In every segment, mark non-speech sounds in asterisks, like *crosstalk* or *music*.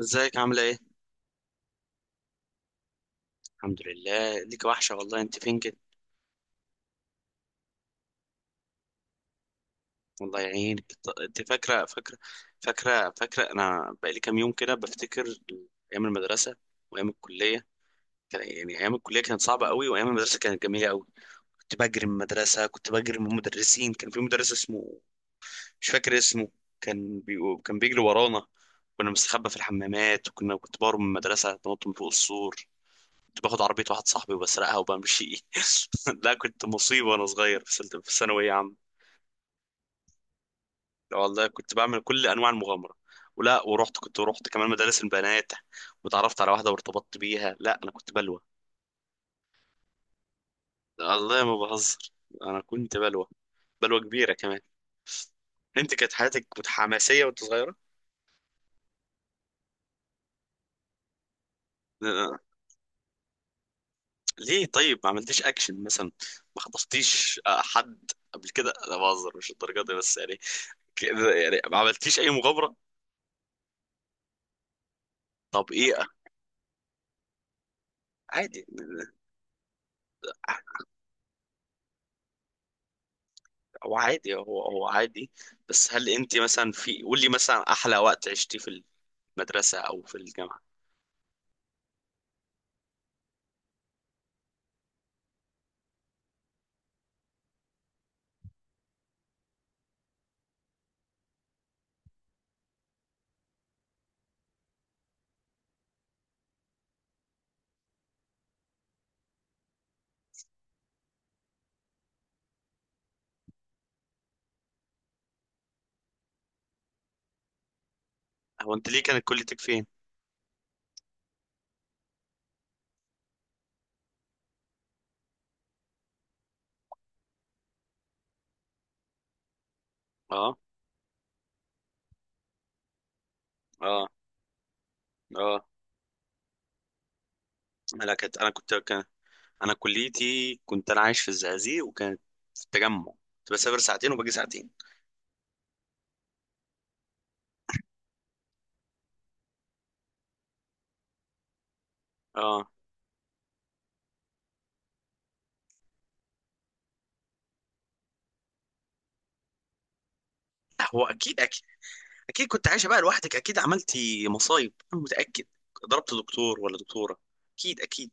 ازيك؟ عاملة ايه؟ الحمد لله، ليك وحشة والله. انت فين كده؟ والله يعينك. انت فاكرة فاكرة؟ انا بقالي كام يوم كده بفتكر ايام المدرسة وايام الكلية. يعني ايام الكلية كانت صعبة قوي، وايام المدرسة كانت جميلة قوي. كنت بجري من المدرسة، كنت بجري من المدرسين. كان في مدرس اسمه، مش فاكر اسمه، كان بي... كان بيجري ورانا. كنا مستخبى في الحمامات، كنت بهرب من المدرسة، بنط من فوق السور. كنت باخد عربية واحد صاحبي وبسرقها وبمشي. *laughs* لا، كنت مصيبة وأنا صغير في في ثانوية عامة. والله كنت بعمل كل أنواع المغامرة. ولا ورحت كنت ورحت كمان مدارس البنات وتعرفت على واحدة وارتبطت بيها. لا أنا كنت بلوى، والله ما بهزر. أنا كنت بلوى، بلوى كبيرة كمان. أنت كانت حياتك، كنت حماسية وأنت صغيرة؟ *laughs* لا. ليه؟ طيب ما عملتيش أكشن مثلا؟ ما خطفتيش حد قبل كده؟ لا بهزر، مش الدرجة دي بس يعني. كده يعني ما عملتيش أي مغامرة؟ طب إيه؟ عادي، هو عادي، هو عادي. بس هل انت مثلا، في قول لي مثلا احلى وقت عشتي في المدرسه او في الجامعه؟ هو انت ليه، كانت كليتك فين؟ اه. اه. اه. انا كنت انا كنت كان انا كليتي كنت، انا عايش في الزقازيق وكانت في التجمع. كنت بسافر ساعتين وباجي ساعتين. اه. هو اكيد اكيد. اكيد كنت عايشه بقى لوحدك، اكيد عملتي مصايب انا متاكد. ضربت دكتور ولا دكتوره؟ اكيد اكيد.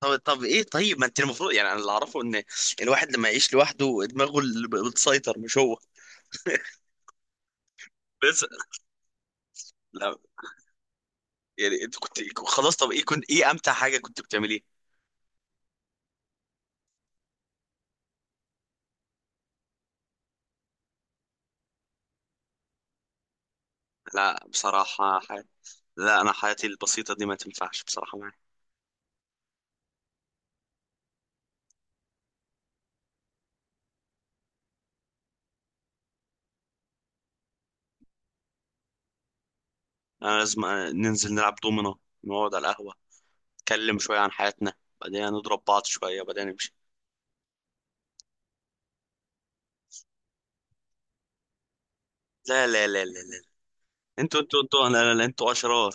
طب طب ايه، طيب ما انت المفروض يعني، انا اللي اعرفه ان الواحد لما يعيش لوحده دماغه اللي بتسيطر مش هو. بس لا، يعني انت كنت خلاص. طب ايه كنت، ايه امتع حاجه كنت بتعمليه؟ لا بصراحه حي... لا انا حياتي البسيطه دي ما تنفعش بصراحه معايا. انا لازم ننزل نلعب دومينو، نقعد على القهوه، نتكلم شويه عن حياتنا، بعدين نضرب بعض شويه، بعدين نمشي. لا لا لا لا لا. انتوا انتوا انتوا، لا لا لا، انتوا اشرار.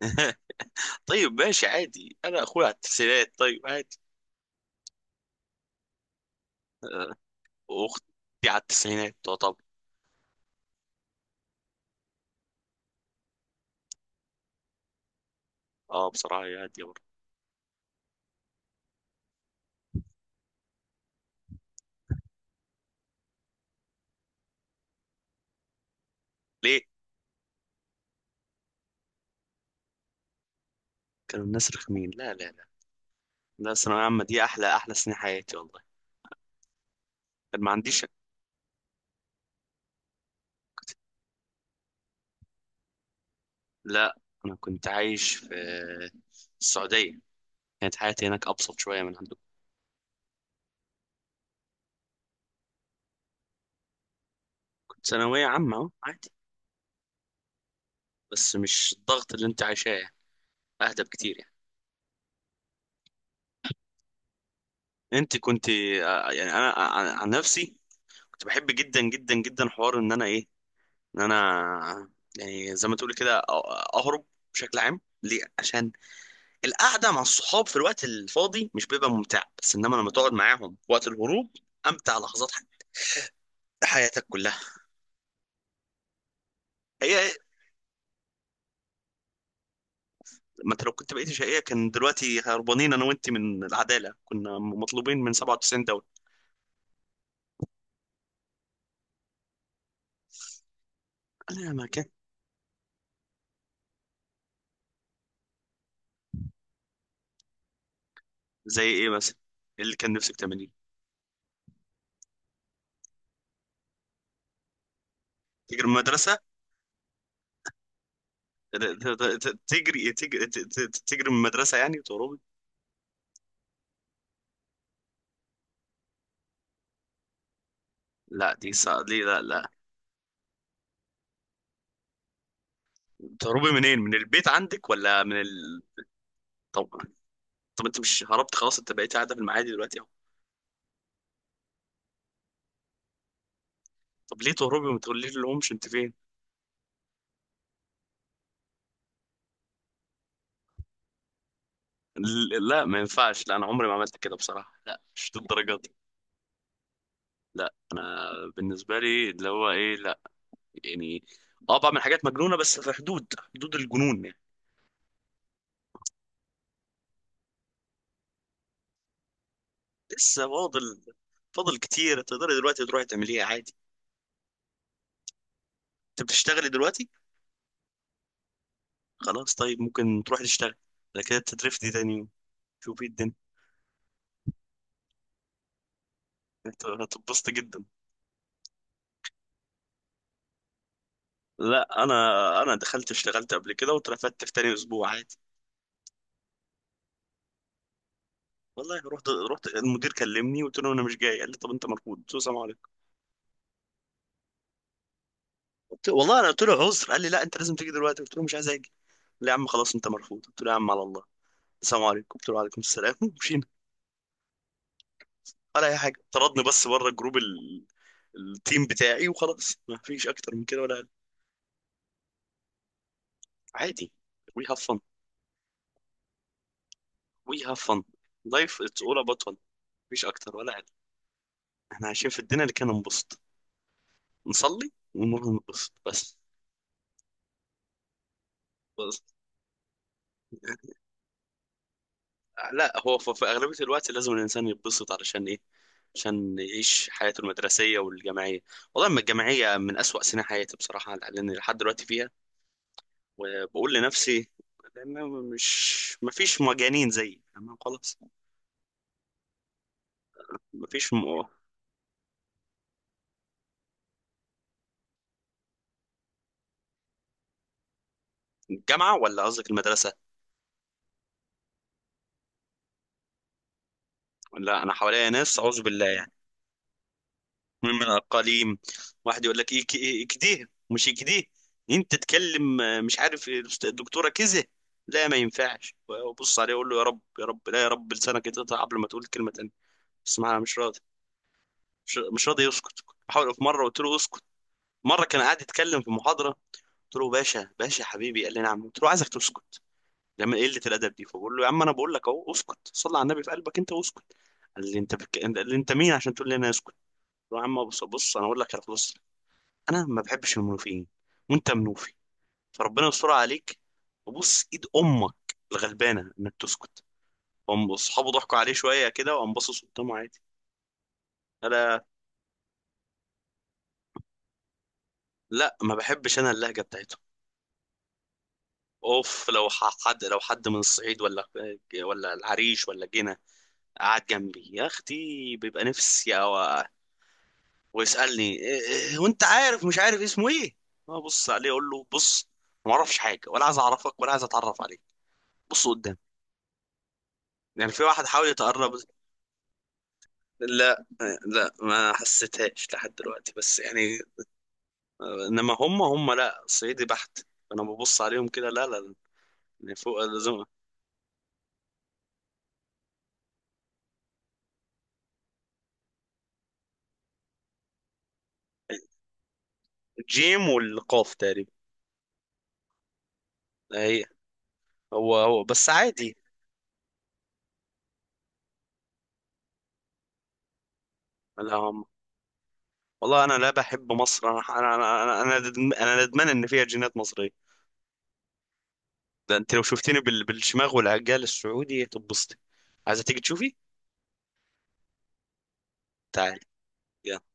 *laughs* طيب ماشي عادي، انا اخويا على التسعينات طيب عادي. واختي على التسعينات تعتبر. اه بصراحه هي هاديه برضه. ليه؟ كانوا الناس رخمين؟ لا لا لا. لا الثانويه العامه دي احلى، احلى سنين حياتي والله. كان ما عنديش. لا انا كنت عايش في السعوديه، كانت حياتي هناك ابسط شويه من عندكم. كنت ثانويه عامه أهو، عادي. بس مش الضغط اللي انت عايشاه يعني. اهدى بكتير يعني. انت كنت يعني انا عن نفسي كنت بحب جدا جدا جدا حوار ان انا ايه، ان انا يعني زي ما تقولي كده اهرب بشكل عام. ليه؟ عشان القعده مع الصحاب في الوقت الفاضي مش بيبقى ممتع، بس انما لما تقعد معاهم وقت الهروب، امتع لحظات حياتك كلها. هي. ما انت لو كنت بقيت شقيه، كان دلوقتي هربانين انا وانت من العداله، كنا مطلوبين من 97 دوله. لا ما كان. زي ايه مثلا اللي كان نفسك تعمليه؟ تجري من المدرسه، ت- تجري من المدرسه يعني وتهربي. لا دي صع... دي لا لا. تهربي منين؟ من البيت عندك ولا من ال... طب طب انت مش هربت خلاص، انت بقيت قاعده في المعادي دلوقتي؟ طب ليه تهربي وما تقوليش لهمش انت فين؟ لا ما ينفعش. لا انا عمري ما عملت كده بصراحه، لا مش دي الدرجه دي. لا انا بالنسبه لي اللي هو ايه، لا يعني اه بعمل حاجات مجنونه بس في حدود، حدود الجنون يعني. لسه فاضل. فاضل كتير، تقدري دلوقتي تروحي تعمليها عادي. انت بتشتغلي دلوقتي؟ خلاص طيب ممكن تروحي تشتغلي، بعد كده تترفدي تاني يوم. شوفي الدنيا. هتتبسطي جدا. لا انا، انا دخلت اشتغلت قبل كده واترفدت في تاني اسبوع عادي. والله رحت، رحت المدير كلمني قلت له انا مش جاي، قال لي طب انت مرفوض، قلت له السلام عليكم. قلت والله انا، قلت له عذر، قال لي لا انت لازم تيجي دلوقتي، قلت له مش عايز اجي. قال لي يا عم خلاص انت مرفوض، قلت له يا عم على الله، السلام عليكم، قلت له وعليكم السلام *laughs* ومشينا. ولا اي حاجه، طردني بس بره التيم بتاعي، وخلاص ما فيش اكتر من كده ولا اقل. عادي. وي هاف فن. وي هاف فن. لايف اتس اول اباوت فن. مفيش اكتر ولا اقل. احنا عايشين في الدنيا اللي كان ننبسط، نصلي ونروح ننبسط بس. بس لا هو في أغلبية الوقت لازم الإنسان يتبسط علشان إيه؟ عشان يعيش حياته المدرسية والجامعية. والله أما الجامعية من أسوأ سنين حياتي بصراحة، لأن لحد دلوقتي فيها وبقول لنفسي، لأن مش مفيش مجانين زيي تمام خلاص. مفيش م... الجامعة ولا قصدك المدرسة؟ لا أنا حواليا ناس أعوذ بالله يعني، من الأقاليم. واحد يقول لك إيه، إيه كده مش كده، أنت تتكلم مش عارف إيه، الدكتورة كذا. لا ما ينفعش، وأبص عليه أقول له يا رب يا رب، لا يا رب لسانك يتقطع قبل ما تقول كلمة تانية. بس ما مش راضي، مش راضي يسكت. بحاول، في مرة قلت له اسكت. مرة كان قاعد يتكلم في محاضرة، قلت له باشا باشا حبيبي، قال لي نعم، قلت له عايزك تسكت. لما قلة الأدب دي، فبقول له يا عم أنا بقول لك أهو اسكت، صلي على النبي في قلبك أنت واسكت. قال لي أنت بك... قال لي أنت مين عشان تقول لي أنا اسكت، قلت له يا عم بص بص، أنا أقول لك خلاص، انا ما بحبش المنوفيين وانت منوفي، فربنا يستر عليك، وبص ايد امك الغلبانه انك تسكت. هم اصحابه ضحكوا عليه شويه كده، وقام باصص قدامه عادي. انا لا، ما بحبش انا اللهجه بتاعتهم. اوف لو حد، لو حد من الصعيد ولا ولا العريش ولا جنة قعد جنبي يا اختي، بيبقى نفسي أو... ويسالني إيه، إيه وانت عارف، مش عارف اسمه ايه، ابص عليه اقول له بص، ما اعرفش حاجه ولا عايز اعرفك ولا عايز اتعرف عليك، بص قدام. يعني في واحد حاول يتقرب. لا لا، ما حسيتهاش لحد دلوقتي بس يعني، انما هم، لا صعيدي بحت انا ببص عليهم كده لا لا، يعني فوق لازم. الجيم والقاف تقريبا. هي. هو بس عادي. لا هم، والله انا لا بحب مصر. أنا ندمان ان فيها جينات مصريه. ده انت لو شفتني بالشماغ والعجال السعودي هتتبسطي. عايزه تيجي تشوفي؟ تعالي، يلا.